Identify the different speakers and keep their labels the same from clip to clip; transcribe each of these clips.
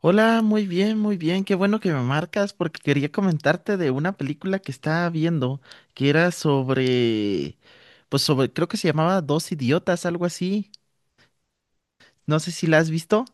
Speaker 1: Hola, muy bien, muy bien. Qué bueno que me marcas porque quería comentarte de una película que estaba viendo que era sobre, pues sobre, creo que se llamaba Dos Idiotas, algo así. No sé si la has visto.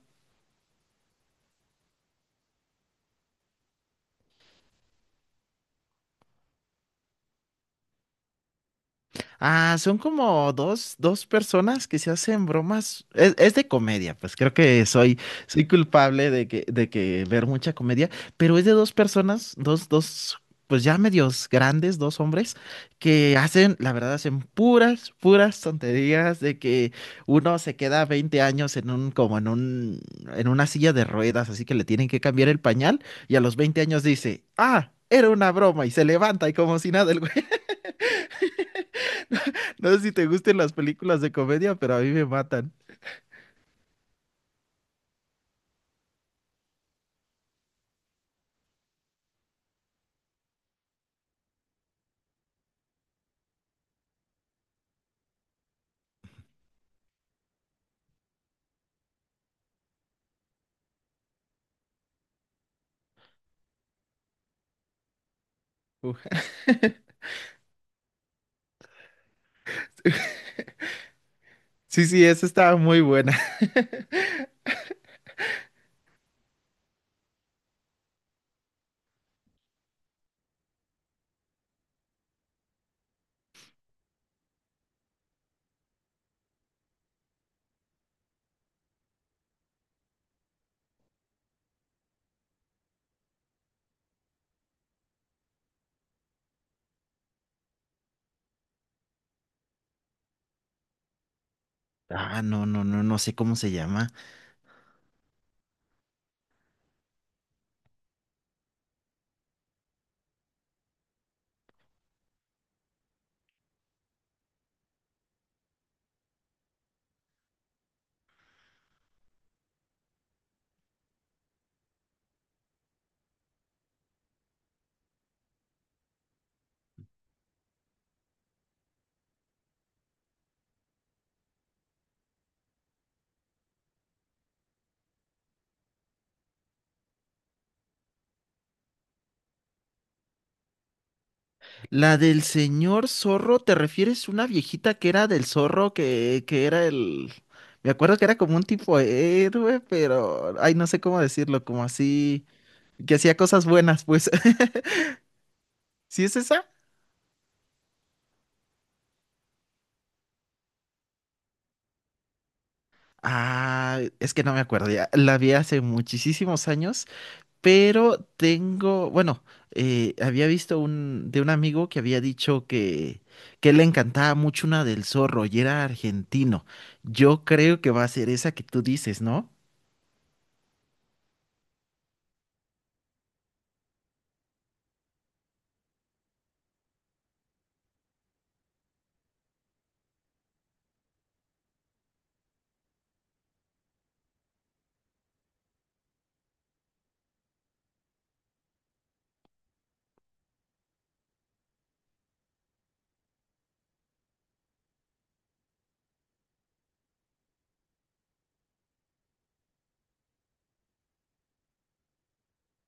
Speaker 1: Ah, son como dos personas que se hacen bromas. Es de comedia, pues creo que soy, soy culpable de que ver mucha comedia, pero es de dos personas, pues ya medios grandes, dos hombres, que hacen, la verdad, hacen puras tonterías de que uno se queda 20 años en un, como en un, en una silla de ruedas, así que le tienen que cambiar el pañal, y a los 20 años dice, ah, era una broma, y se levanta y como si nada el güey. No sé si te gusten las películas de comedia, pero a mí me matan. Uf. Sí, sí, esa estaba muy buena. Ah, no, no, no, no sé cómo se llama. La del señor zorro, ¿te refieres a una viejita que era del zorro, que era el... Me acuerdo que era como un tipo héroe, pero... Ay, no sé cómo decirlo, como así... Que hacía cosas buenas, pues. ¿Sí es esa? Ah, es que no me acuerdo ya. La vi hace muchísimos años. Pero tengo, bueno, había visto un, de un amigo que había dicho que le encantaba mucho una del Zorro y era argentino. Yo creo que va a ser esa que tú dices, ¿no?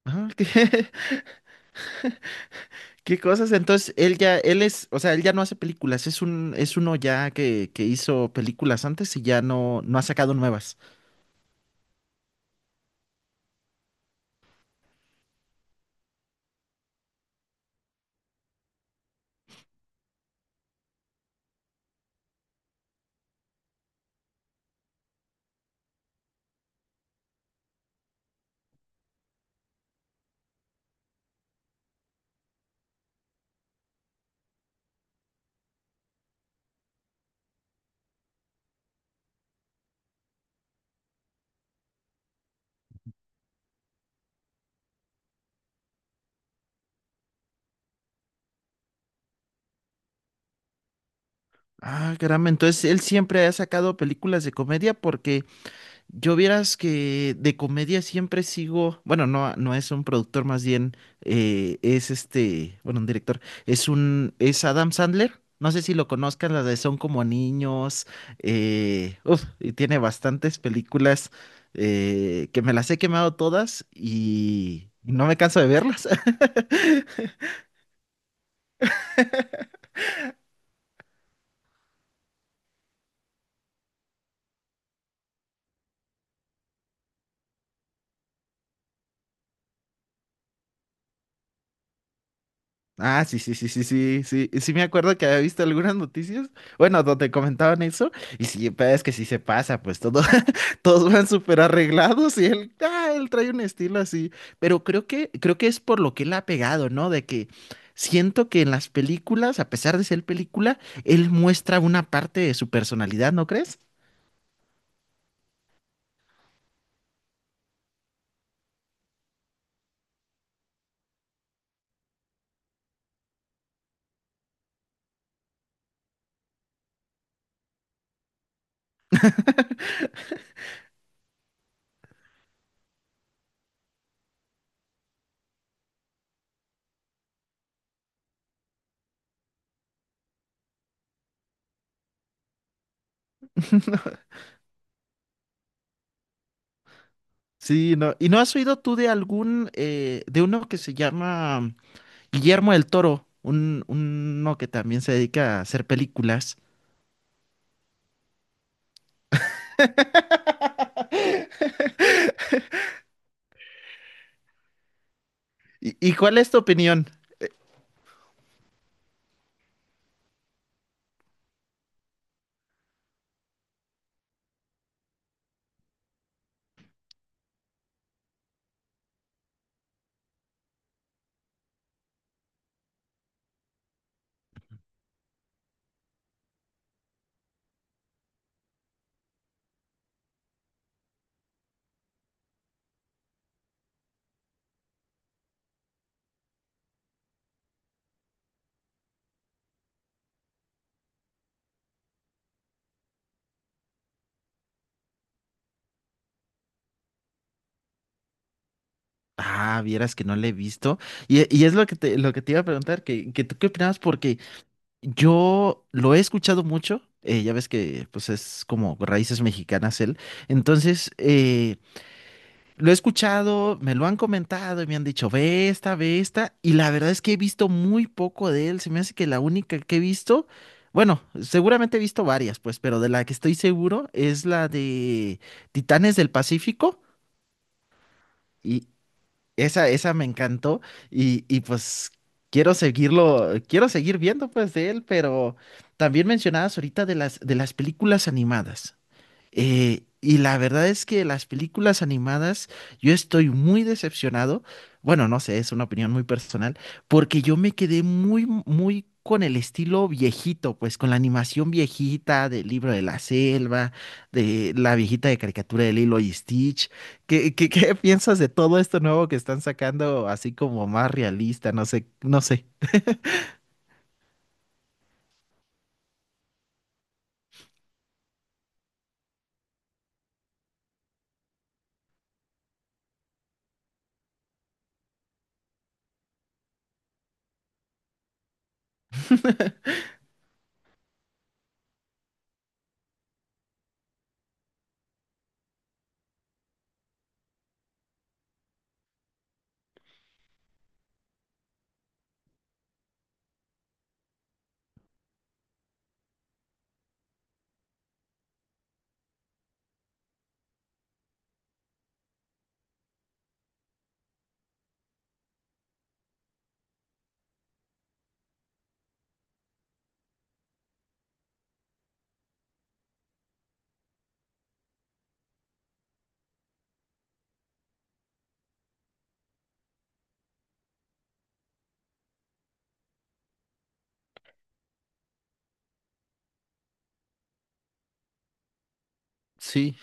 Speaker 1: Ah, ¿Qué, qué cosas? Entonces, él ya, él es, o sea, él ya no hace películas, es un, es uno ya que hizo películas antes y ya no, no ha sacado nuevas. Ah, caramba, entonces él siempre ha sacado películas de comedia porque yo vieras que de comedia siempre sigo, bueno, no, no es un productor, más bien es este, bueno, un director, es un, es Adam Sandler, no sé si lo conozcan, las de Son como niños, y tiene bastantes películas que me las he quemado todas y no me canso de verlas. Ah, sí, sí, sí, sí, sí, sí, sí me acuerdo que había visto algunas noticias, bueno, donde comentaban eso, y sí, pero es que sí se pasa, pues todo. Todos van súper arreglados y él, ah, él trae un estilo así. Pero creo que es por lo que él ha pegado, ¿no? De que siento que en las películas, a pesar de ser película, él muestra una parte de su personalidad, ¿no crees? Sí, no. ¿Y no has oído tú de algún, de uno que se llama Guillermo del Toro, un, uno que también se dedica a hacer películas? Y cuál es tu opinión? Ah, vieras que no le he visto. Y es lo que te iba a preguntar, que tú qué opinabas, porque yo lo he escuchado mucho, ya ves que pues es como raíces mexicanas él, entonces lo he escuchado, me lo han comentado y me han dicho, ve esta, y la verdad es que he visto muy poco de él, se me hace que la única que he visto, bueno, seguramente he visto varias pues, pero de la que estoy seguro es la de Titanes del Pacífico, y esa me encantó, y pues quiero seguirlo, quiero seguir viendo pues de él, pero también mencionabas ahorita de las películas animadas. Y la verdad es que las películas animadas, yo estoy muy decepcionado. Bueno, no sé, es una opinión muy personal, porque yo me quedé muy con el estilo viejito, pues con la animación viejita del libro de la selva, de la viejita de caricatura de Lilo y Stitch. ¿Qué, qué piensas de todo esto nuevo que están sacando, así como más realista? No sé, no sé. Sí.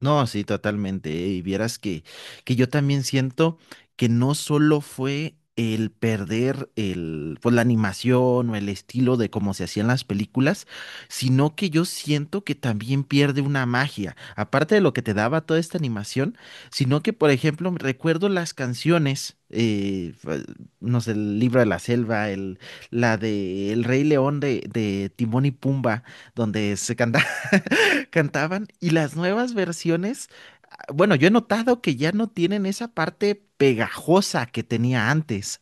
Speaker 1: No, sí, totalmente. Y vieras que yo también siento que no solo fue el perder el, pues, la animación o el estilo de cómo se hacían las películas, sino que yo siento que también pierde una magia, aparte de lo que te daba toda esta animación, sino que, por ejemplo, recuerdo las canciones, no sé, el libro de la selva, el, la de El Rey León de Timón y Pumba, donde se canta- cantaban, y las nuevas versiones bueno, yo he notado que ya no tienen esa parte pegajosa que tenía antes.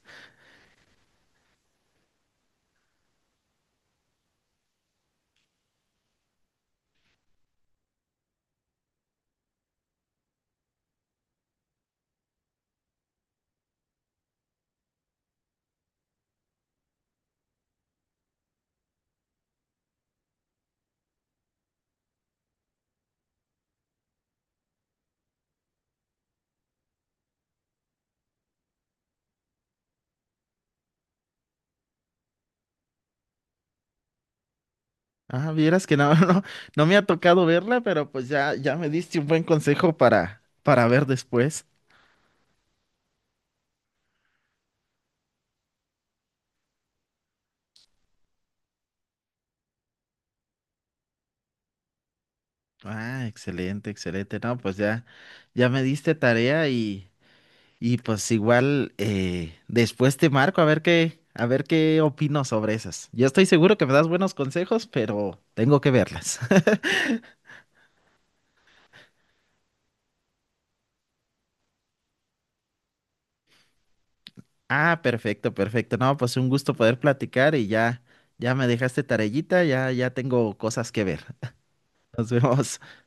Speaker 1: Ah, vieras que no, no, no me ha tocado verla, pero pues ya, ya me diste un buen consejo para ver después. Ah, excelente, excelente. No, pues ya, ya me diste tarea y pues igual después te marco a ver qué opino sobre esas. Yo estoy seguro que me das buenos consejos, pero tengo que verlas. Ah, perfecto, perfecto. No, pues un gusto poder platicar y ya, ya me dejaste tarellita, ya, ya tengo cosas que ver. Nos vemos.